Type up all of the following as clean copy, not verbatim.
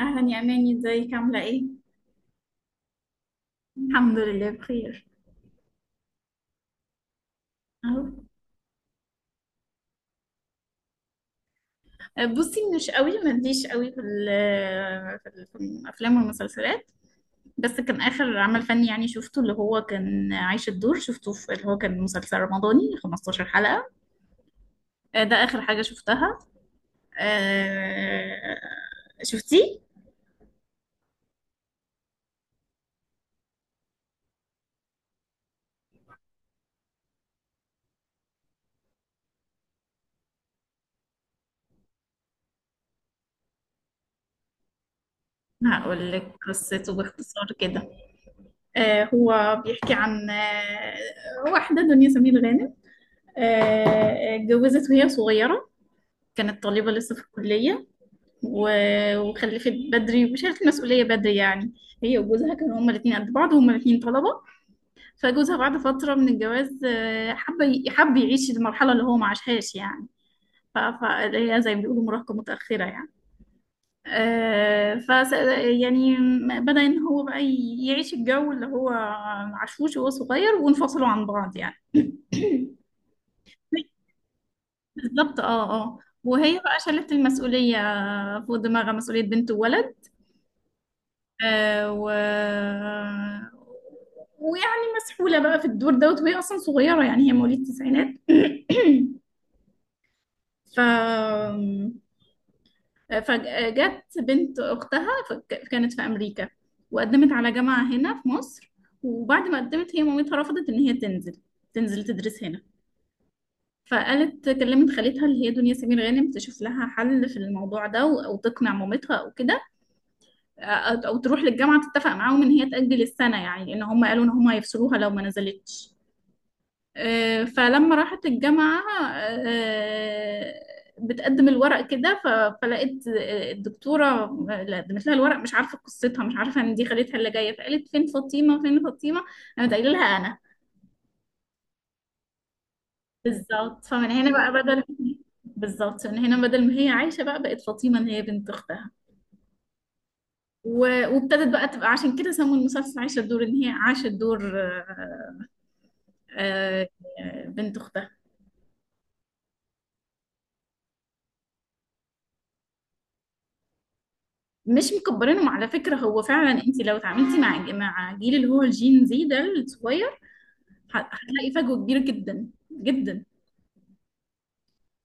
اهلا يا اماني، ازيك؟ عامله ايه؟ الحمد لله بخير. اهو. بصي، مش قوي، ماليش قوي في في الافلام والمسلسلات. بس كان اخر عمل فني يعني شفته، اللي هو كان عايش الدور، شفته في اللي هو كان مسلسل رمضاني 15 حلقه. ده اخر حاجه شفتها. آه، شفتيه؟ هقول لك قصته باختصار كده. هو بيحكي عن واحده، دنيا سمير غانم. اتجوزت وهي صغيره، كانت طالبة لسه في الكلية. و- وخلفت بدري وشالت المسؤولية بدري يعني. هي وجوزها كانوا هما الاتنين قد بعض، وهما الاتنين طلبة. فجوزها بعد فترة من الجواز حب يعيش المرحلة اللي هو ما عاشهاش يعني. فهي زي ما بيقولوا مراهقة متأخرة يعني. آه، فس يعني، بدأ إن هو بقى يعيش الجو اللي هو عاشوش وهو صغير، وانفصلوا عن بعض يعني. بالظبط، اه، اه. وهي بقى شالت المسؤولية فوق دماغها، مسؤولية بنت وولد. آه و... ويعني مسحولة بقى في الدور دوت، وهي أصلا صغيرة يعني، هي مواليد التسعينات. ف فجت بنت أختها، كانت في أمريكا، وقدمت على جامعة هنا في مصر. وبعد ما قدمت، هي مامتها رفضت إن هي تنزل تدرس هنا. فقالت كلمت خالتها اللي هي دنيا سمير غانم تشوف لها حل في الموضوع ده، أو تقنع مامتها أو كده، أو تروح للجامعة تتفق معاهم إن هي تأجل السنة يعني، لأن هم قالوا إن هم هيفصلوها لو ما نزلتش. فلما راحت الجامعة آه، بتقدم الورق كده، فلقيت الدكتورة اللي قدمت لها الورق مش عارفة قصتها، مش عارفة إن دي خالتها اللي جاية، فقالت فين فاطمة، فين فاطمة؟ قامت قايلة لها أنا. بالظبط، فمن هنا بقى بدل بالظبط، من هنا بدل ما هي عايشة بقى، بقت فاطمة إن هي بنت أختها. و- وابتدت بقى تبقى، عشان كده سموا المسلسل عايشة الدور، إن هي عاشت دور آه، بنت اختها. مش مكبرينهم على فكره. هو فعلا انت لو اتعاملتي مع جيل اللي هو الجين زي ده الصغير، هتلاقي فجوه كبيره جدا جدا،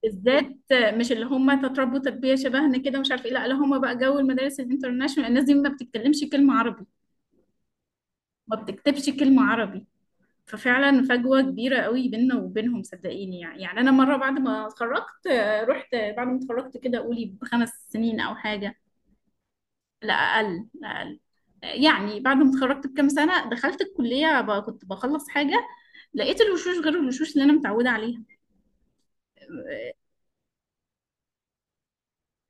بالذات مش اللي هم تتربوا تربيه شبهنا كده، مش عارفه ايه. لا، لا، هم بقى جو المدارس الانترناشونال، الناس دي ما بتتكلمش كلمه عربي، ما بتكتبش كلمه عربي. ففعلا فجوه كبيره قوي بيننا وبينهم، صدقيني يعني انا مره بعد ما اتخرجت رحت بعد ما اتخرجت، كده قولي بخمس سنين او حاجه. لا أقل، لا أقل. يعني بعد ما اتخرجت بكام سنة، دخلت الكلية بقى كنت بخلص حاجة، لقيت الوشوش غير الوشوش اللي أنا متعودة عليها.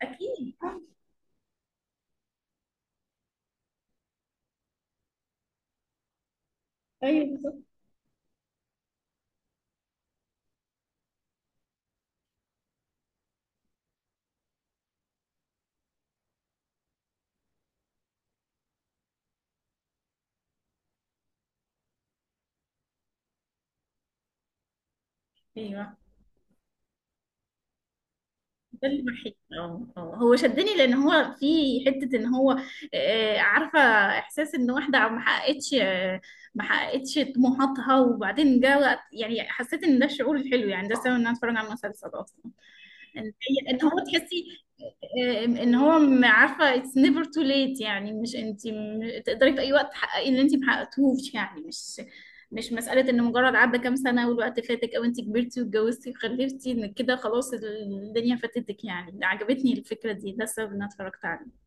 أكيد. أيوه، بالظبط. أيوه. ده اللي بحس، اه، اه، هو شدني لأن هو في حتة إن هو عارفة، إحساس إن واحدة ما حققتش، ما حققتش طموحاتها، وبعدين جه وقت يعني حسيت إن ده الشعور الحلو يعني، ده السبب إن أنا أتفرج على المسلسل أصلا. ان هو تحسي ان هو عارفه it's never too late يعني، مش انت تقدري في اي وقت تحققي اللي انت محققتوش يعني، مش مساله ان مجرد عدى كام سنه والوقت فاتك، او انت كبرتي واتجوزتي وخلفتي، ان كده خلاص الدنيا فاتتك يعني. عجبتني الفكره دي، ده السبب ان انا اتفرجت عليه.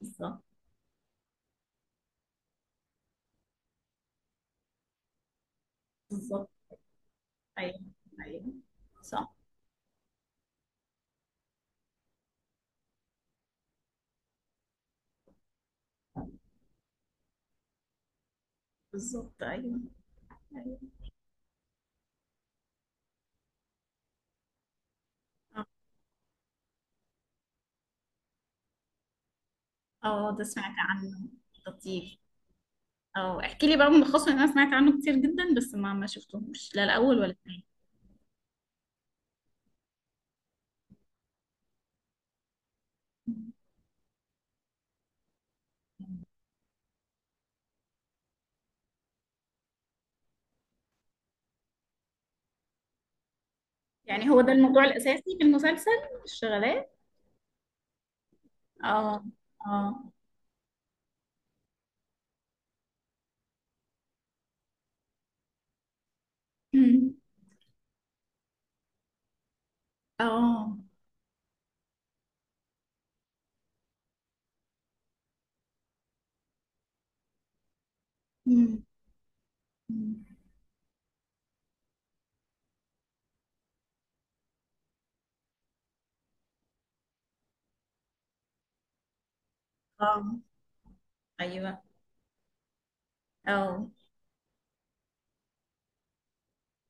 بالظبط. بالظبط، ايوه، ايوه، صح. بالظبط، ايوه، ايوه. اه. ده سمعت عنه. لطيف. اه، احكي لي بقى ملخصه، لأن انا سمعت عنه كتير جدا بس ما شفتهوش، لا الاول ولا الثاني. يعني هو ده الموضوع الاساسي في المسلسل؟ الشغلات. اه. اه. أمم. اه. أمم. أمم. اه. ايوه. اه.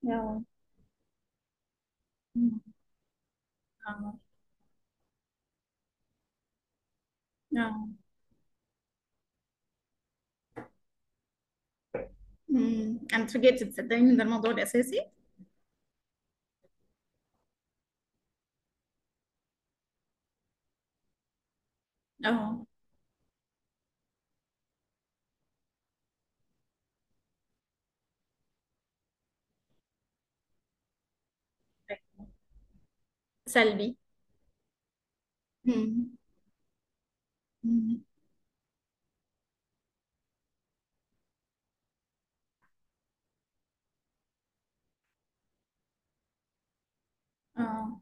اه. أمم. اه. اه. أمم. انا اتفاجئت، تصدقني ان ده الموضوع الاساسي. اه. سلبي. أمم. أمم. اه.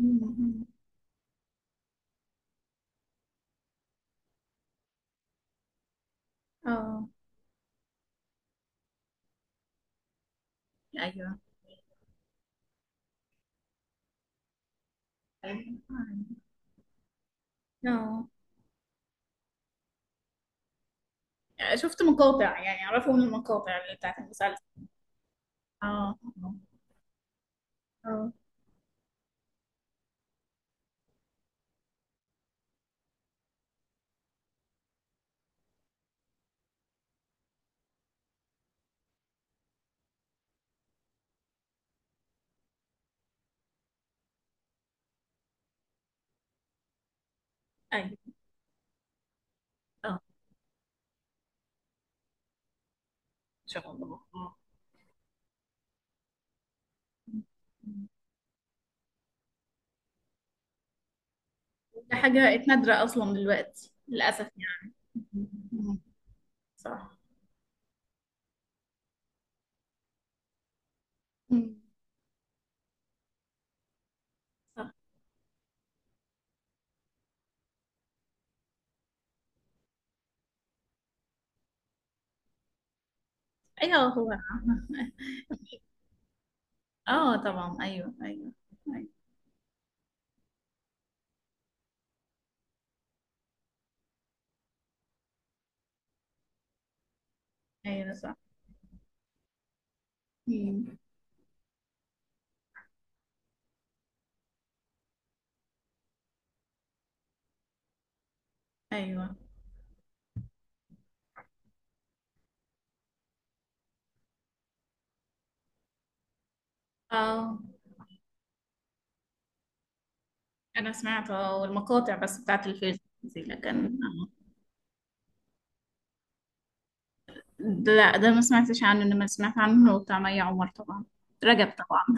أمم. اه. ايوه، ايوه. اه. يعني شفت مقاطع، يعني اعرفه من المقاطع اللي بتاعت المسلسل. اه. اه. اه. ايوه. اه. ان شاء الله. اه. ده حاجة نادرة اصلا دلوقتي للاسف يعني. مم. صح. مم. صح. ايوه. هو اه. طبعا، ايوه، ايوه. ايوه, أيوة، صح. مم. ايوه. اه. انا سمعت المقاطع بس بتاعت الفيلم دي، لكن لا، ده ما سمعتش عنه، انما سمعت عنه بتاع مي عمر طبعا، رجب طبعا.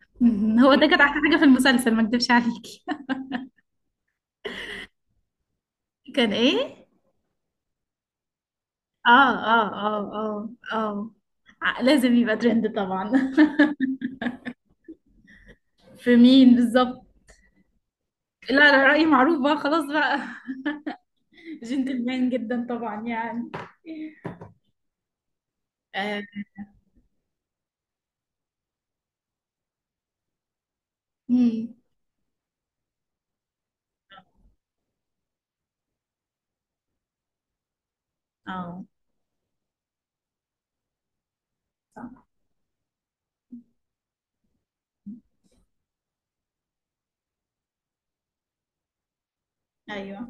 مهم. هو ده كانت احلى حاجه في المسلسل، ما اكدبش عليكي. كان ايه؟ اه، اه، اه، اه، اه. لازم يبقى ترند طبعا. في مين بالظبط؟ لا، لا، رأيي معروف بقى، خلاص بقى. جنتلمان جدا طبعا يعني. اه. مم. آه، صح. ايوه.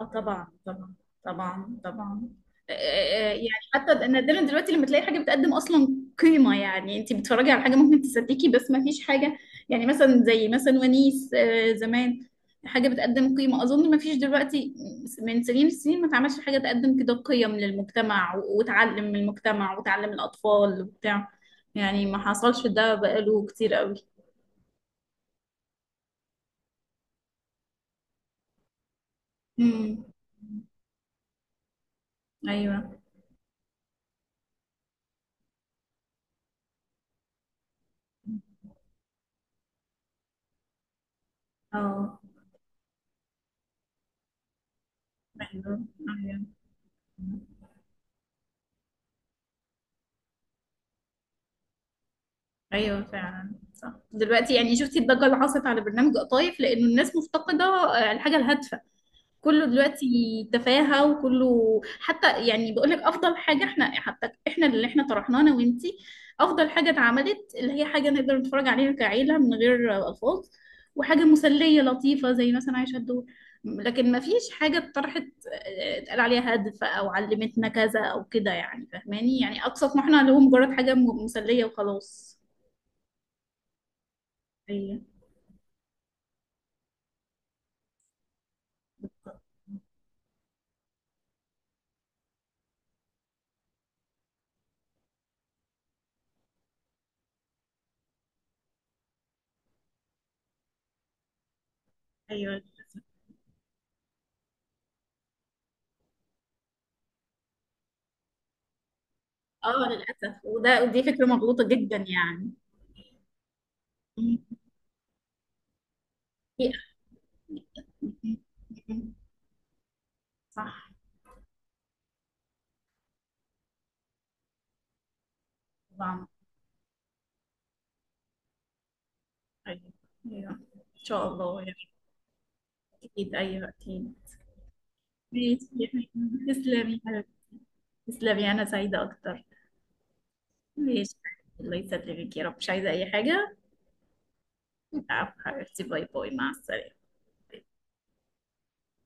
اه. طبعا، طبعا. طبعا، طبعا. يعني حتى انا دايما دلوقتي لما تلاقي حاجه بتقدم اصلا قيمه يعني، انت بتتفرجي على حاجه ممكن تصدقي، بس ما فيش حاجه. يعني مثلا زي مثلا ونيس، زمان، حاجه بتقدم قيمه اظن ما فيش دلوقتي. من سنين السنين ما اتعملش حاجه تقدم كده قيم للمجتمع، و- وتعلم من المجتمع وتعلم الاطفال وبتاع. يعني ما حصلش ده بقاله كتير قوي. امم. ايوه. اه. ايوه، ايوه، ايوه فعلا صح. دلوقتي يعني شفتي الضجه اللي حصلت على برنامج قطايف، لانه الناس مفتقده الحاجه الهادفه. كله دلوقتي تفاهه وكله حتى، يعني بقول لك افضل حاجه احنا حتى، احنا اللي احنا طرحناه انا وانتي، افضل حاجه اتعملت، اللي هي حاجه نقدر نتفرج عليها كعيله من غير الفاظ، وحاجه مسليه لطيفه زي مثلا عايشه الدور. لكن ما فيش حاجه اتطرحت اتقال عليها هادفه او علمتنا كذا او كده يعني، فاهماني؟ يعني اقصى طموحنا اللي هو مجرد حاجه مسليه وخلاص. ايوه للاسف. اه للاسف. وده ودي فكره مغلوطه جدا يعني. مم. مم. صح. طبعا. ايوه، ايوه. ان شاء الله يعني. اكيد، ايوه، اكيد. ماشي يا حبيبي. تسلمي يا حبيبي. تسلمي، انا سعيده اكتر. ماشي. الله يسلمك يا رب. مش عايزه اي حاجه. عفوا حبيبتي. باي باي، مع السلامه.